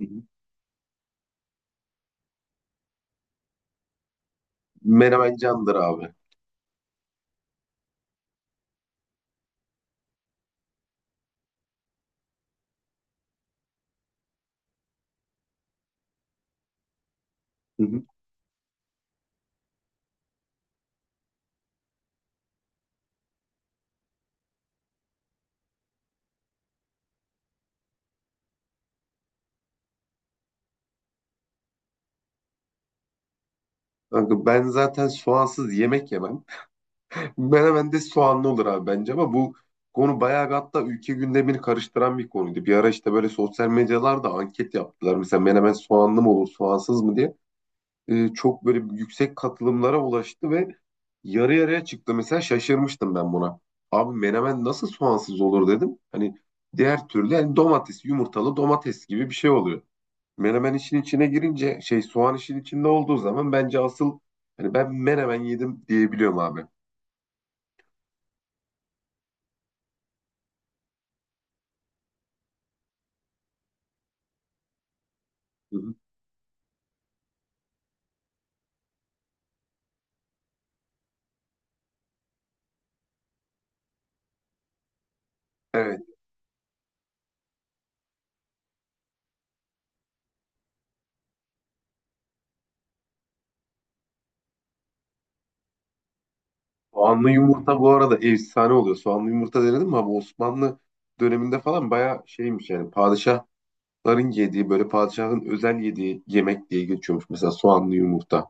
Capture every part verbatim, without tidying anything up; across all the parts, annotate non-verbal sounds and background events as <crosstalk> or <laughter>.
Hı hı. Menemen candır abi. Hı hı. Kanka ben zaten soğansız yemek yemem. <laughs> Menemen de soğanlı olur abi bence ama bu konu bayağı bir, hatta ülke gündemini karıştıran bir konuydu. Bir ara işte böyle sosyal medyalarda anket yaptılar. Mesela menemen soğanlı mı olur, soğansız mı diye. Ee, çok böyle yüksek katılımlara ulaştı ve yarı yarıya çıktı. Mesela şaşırmıştım ben buna. Abi menemen nasıl soğansız olur dedim. Hani diğer türlü yani domates, yumurtalı domates gibi bir şey oluyor. Menemen işin içine girince şey soğan işin içinde olduğu zaman bence asıl hani ben menemen yedim diyebiliyorum abi. Hı hı. Evet. Soğanlı yumurta bu arada efsane oluyor. Soğanlı yumurta denedim mi abi Osmanlı döneminde falan bayağı şeymiş yani padişahların yediği böyle padişahın özel yediği yemek diye geçiyormuş mesela soğanlı yumurta.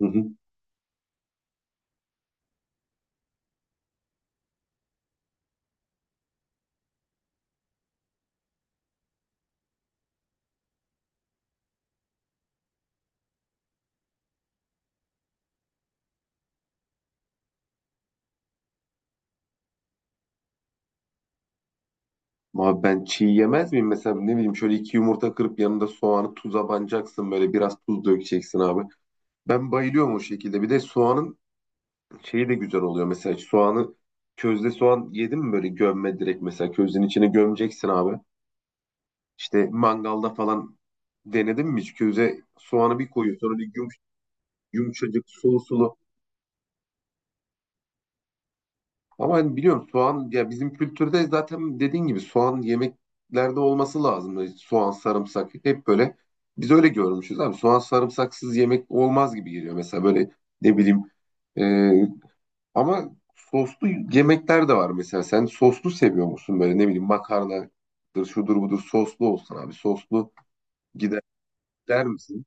Hı hı. Abi ben çiğ yemez miyim mesela ne bileyim şöyle iki yumurta kırıp yanında soğanı tuza banacaksın böyle biraz tuz dökeceksin abi. Ben bayılıyorum o şekilde. Bir de soğanın şeyi de güzel oluyor mesela soğanı közde soğan yedin mi böyle gömme direkt mesela közün içine gömeceksin abi. İşte mangalda falan denedin mi hiç köze soğanı bir koyuyor sonra bir yum, yumuşacık sulu sulu. Ama hani biliyorum soğan ya bizim kültürde zaten dediğin gibi soğan yemeklerde olması lazım. Soğan sarımsak hep böyle biz öyle görmüşüz abi soğan sarımsaksız yemek olmaz gibi geliyor mesela böyle ne bileyim e, ama soslu yemekler de var mesela. Sen soslu seviyor musun böyle ne bileyim makarnadır şudur budur soslu olsun abi. Soslu gider der misin?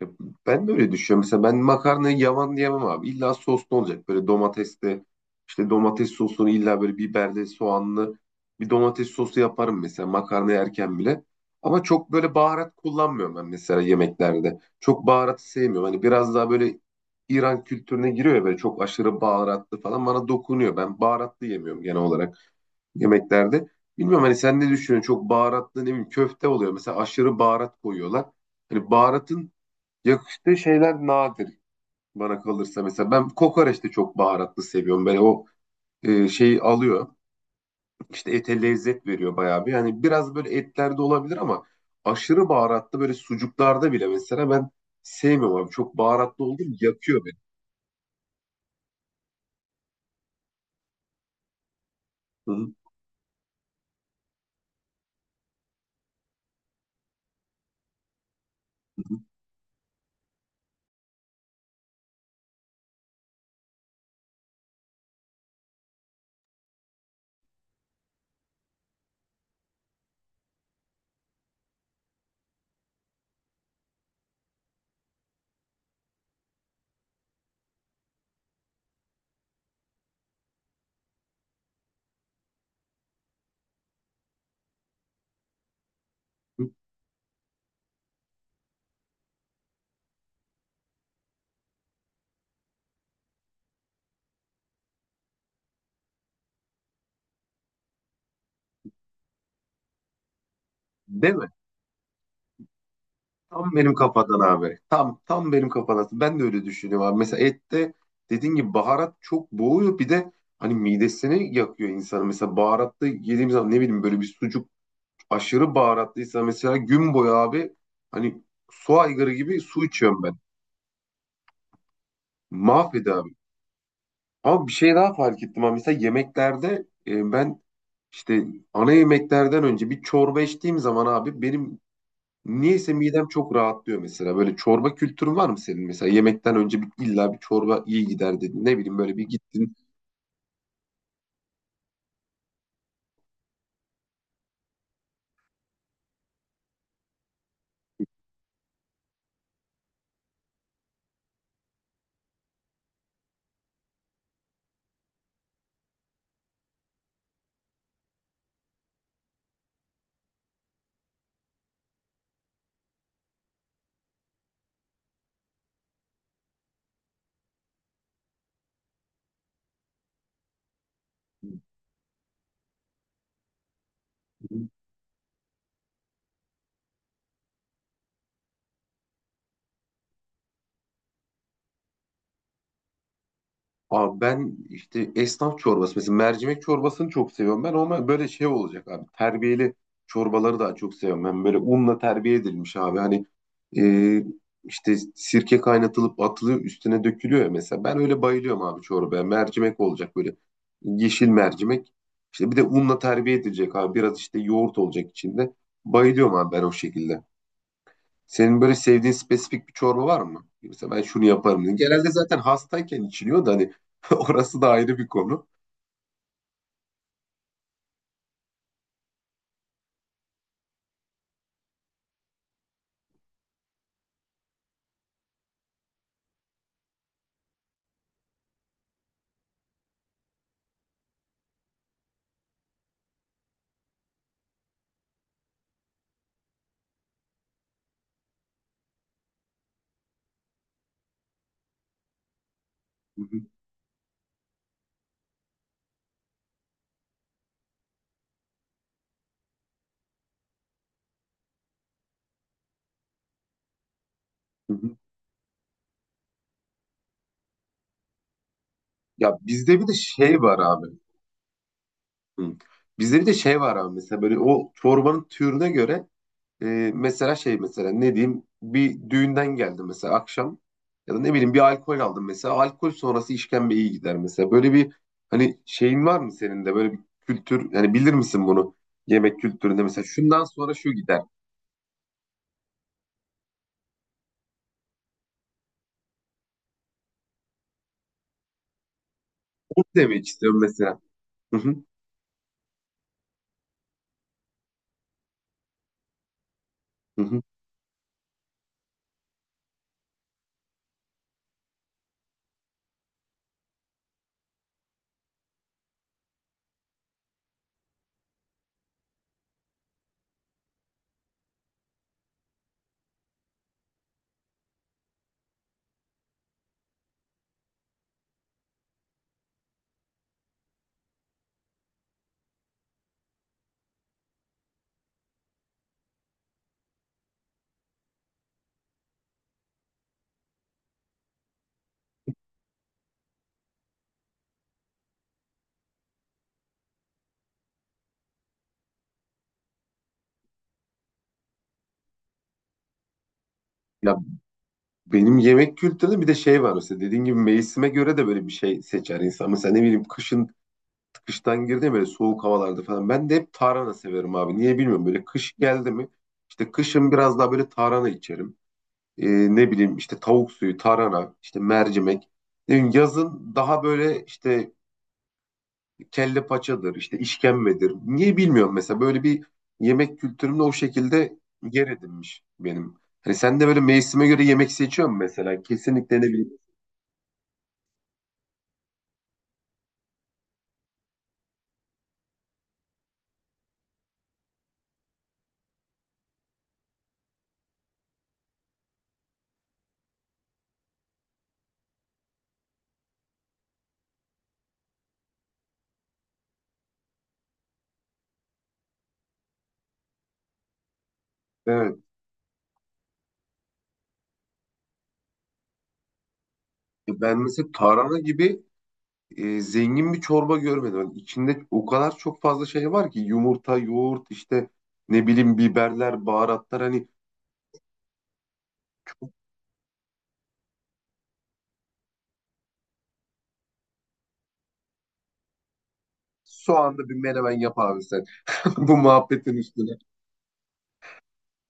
Ya ben de öyle düşünüyorum. Mesela ben makarnayı yavan diyemem abi. İlla soslu olacak. Böyle domatesli, işte domates sosunu illa böyle biberli, soğanlı bir domates sosu yaparım mesela makarna yerken bile. Ama çok böyle baharat kullanmıyorum ben mesela yemeklerde. Çok baharatı sevmiyorum. Hani biraz daha böyle İran kültürüne giriyor ya böyle çok aşırı baharatlı falan bana dokunuyor. Ben baharatlı yemiyorum genel olarak yemeklerde. Bilmiyorum hani sen ne düşünüyorsun? Çok baharatlı ne bileyim köfte oluyor. Mesela aşırı baharat koyuyorlar. Hani baharatın yakıştığı şeyler nadir bana kalırsa. Mesela ben kokoreç de çok baharatlı seviyorum. Böyle o e, şeyi alıyor. İşte ete lezzet veriyor bayağı bir. Yani biraz böyle etlerde olabilir ama aşırı baharatlı böyle sucuklarda bile mesela ben sevmiyorum abi. Çok baharatlı olduğu için yakıyor beni. Hı hı, hı hı. Değil mi? Tam benim kafadan abi. Tam tam benim kafadan. Ben de öyle düşünüyorum abi. Mesela ette dediğin gibi baharat çok boğuyor. Bir de hani midesini yakıyor insanın. Mesela baharatlı yediğim zaman ne bileyim böyle bir sucuk aşırı baharatlıysa mesela gün boyu abi hani su aygırı gibi su içiyorum ben. Mahvedi abi. Ama bir şey daha fark ettim abi. Mesela yemeklerde e, ben işte ana yemeklerden önce bir çorba içtiğim zaman abi benim niyeyse midem çok rahatlıyor mesela. Böyle çorba kültürün var mı senin mesela? Yemekten önce bir, illa bir çorba iyi gider dedin. Ne bileyim böyle bir gittin. Abi ben işte esnaf çorbası mesela mercimek çorbasını çok seviyorum ben ama böyle şey olacak abi terbiyeli çorbaları daha çok seviyorum ben böyle unla terbiye edilmiş abi hani e, işte sirke kaynatılıp atılıyor üstüne dökülüyor ya mesela ben öyle bayılıyorum abi çorbaya mercimek olacak böyle yeşil mercimek işte bir de unla terbiye edilecek abi biraz işte yoğurt olacak içinde bayılıyorum abi ben o şekilde. Senin böyle sevdiğin spesifik bir çorba var mı? Mesela ben şunu yaparım diye. Genelde zaten hastayken içiliyor da hani <laughs> orası da ayrı bir konu. Hı hı, hı hı. Ya bizde bir de şey var abi. Hı. Bizde bir de şey var abi mesela böyle o çorbanın türüne göre e, mesela şey mesela ne diyeyim bir düğünden geldim mesela akşam ya da ne bileyim bir alkol aldım mesela alkol sonrası işkembe iyi gider mesela. Böyle bir hani şeyin var mı senin de böyle bir kültür yani bilir misin bunu yemek kültüründe mesela şundan sonra şu gider. Bunu demek istiyorum mesela. Hı hı, hı hı. Ya benim yemek kültürü bir de şey var mesela dediğin gibi mevsime göre de böyle bir şey seçer insan. Mesela ne bileyim kışın kıştan girdi ya böyle soğuk havalarda falan. Ben de hep tarhana severim abi. Niye bilmiyorum böyle kış geldi mi işte kışın biraz daha böyle tarhana içerim. Ee, Ne bileyim işte tavuk suyu, tarhana, işte mercimek. Ne bileyim, yazın daha böyle işte kelle paçadır, işte işkembedir. Niye bilmiyorum mesela böyle bir yemek kültürümde o şekilde yer edinmiş benim. Hani sen de böyle mevsime göre yemek seçiyor musun mesela? Kesinlikle ne bileyim. Evet. Ya ben mesela tarhana gibi e, zengin bir çorba görmedim. Hani içinde o kadar çok fazla şey var ki yumurta, yoğurt, işte ne bileyim biberler, baharatlar hani soğanlı bir menemen yap abi sen. <laughs> Bu muhabbetin üstüne.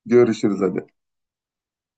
Görüşürüz hadi.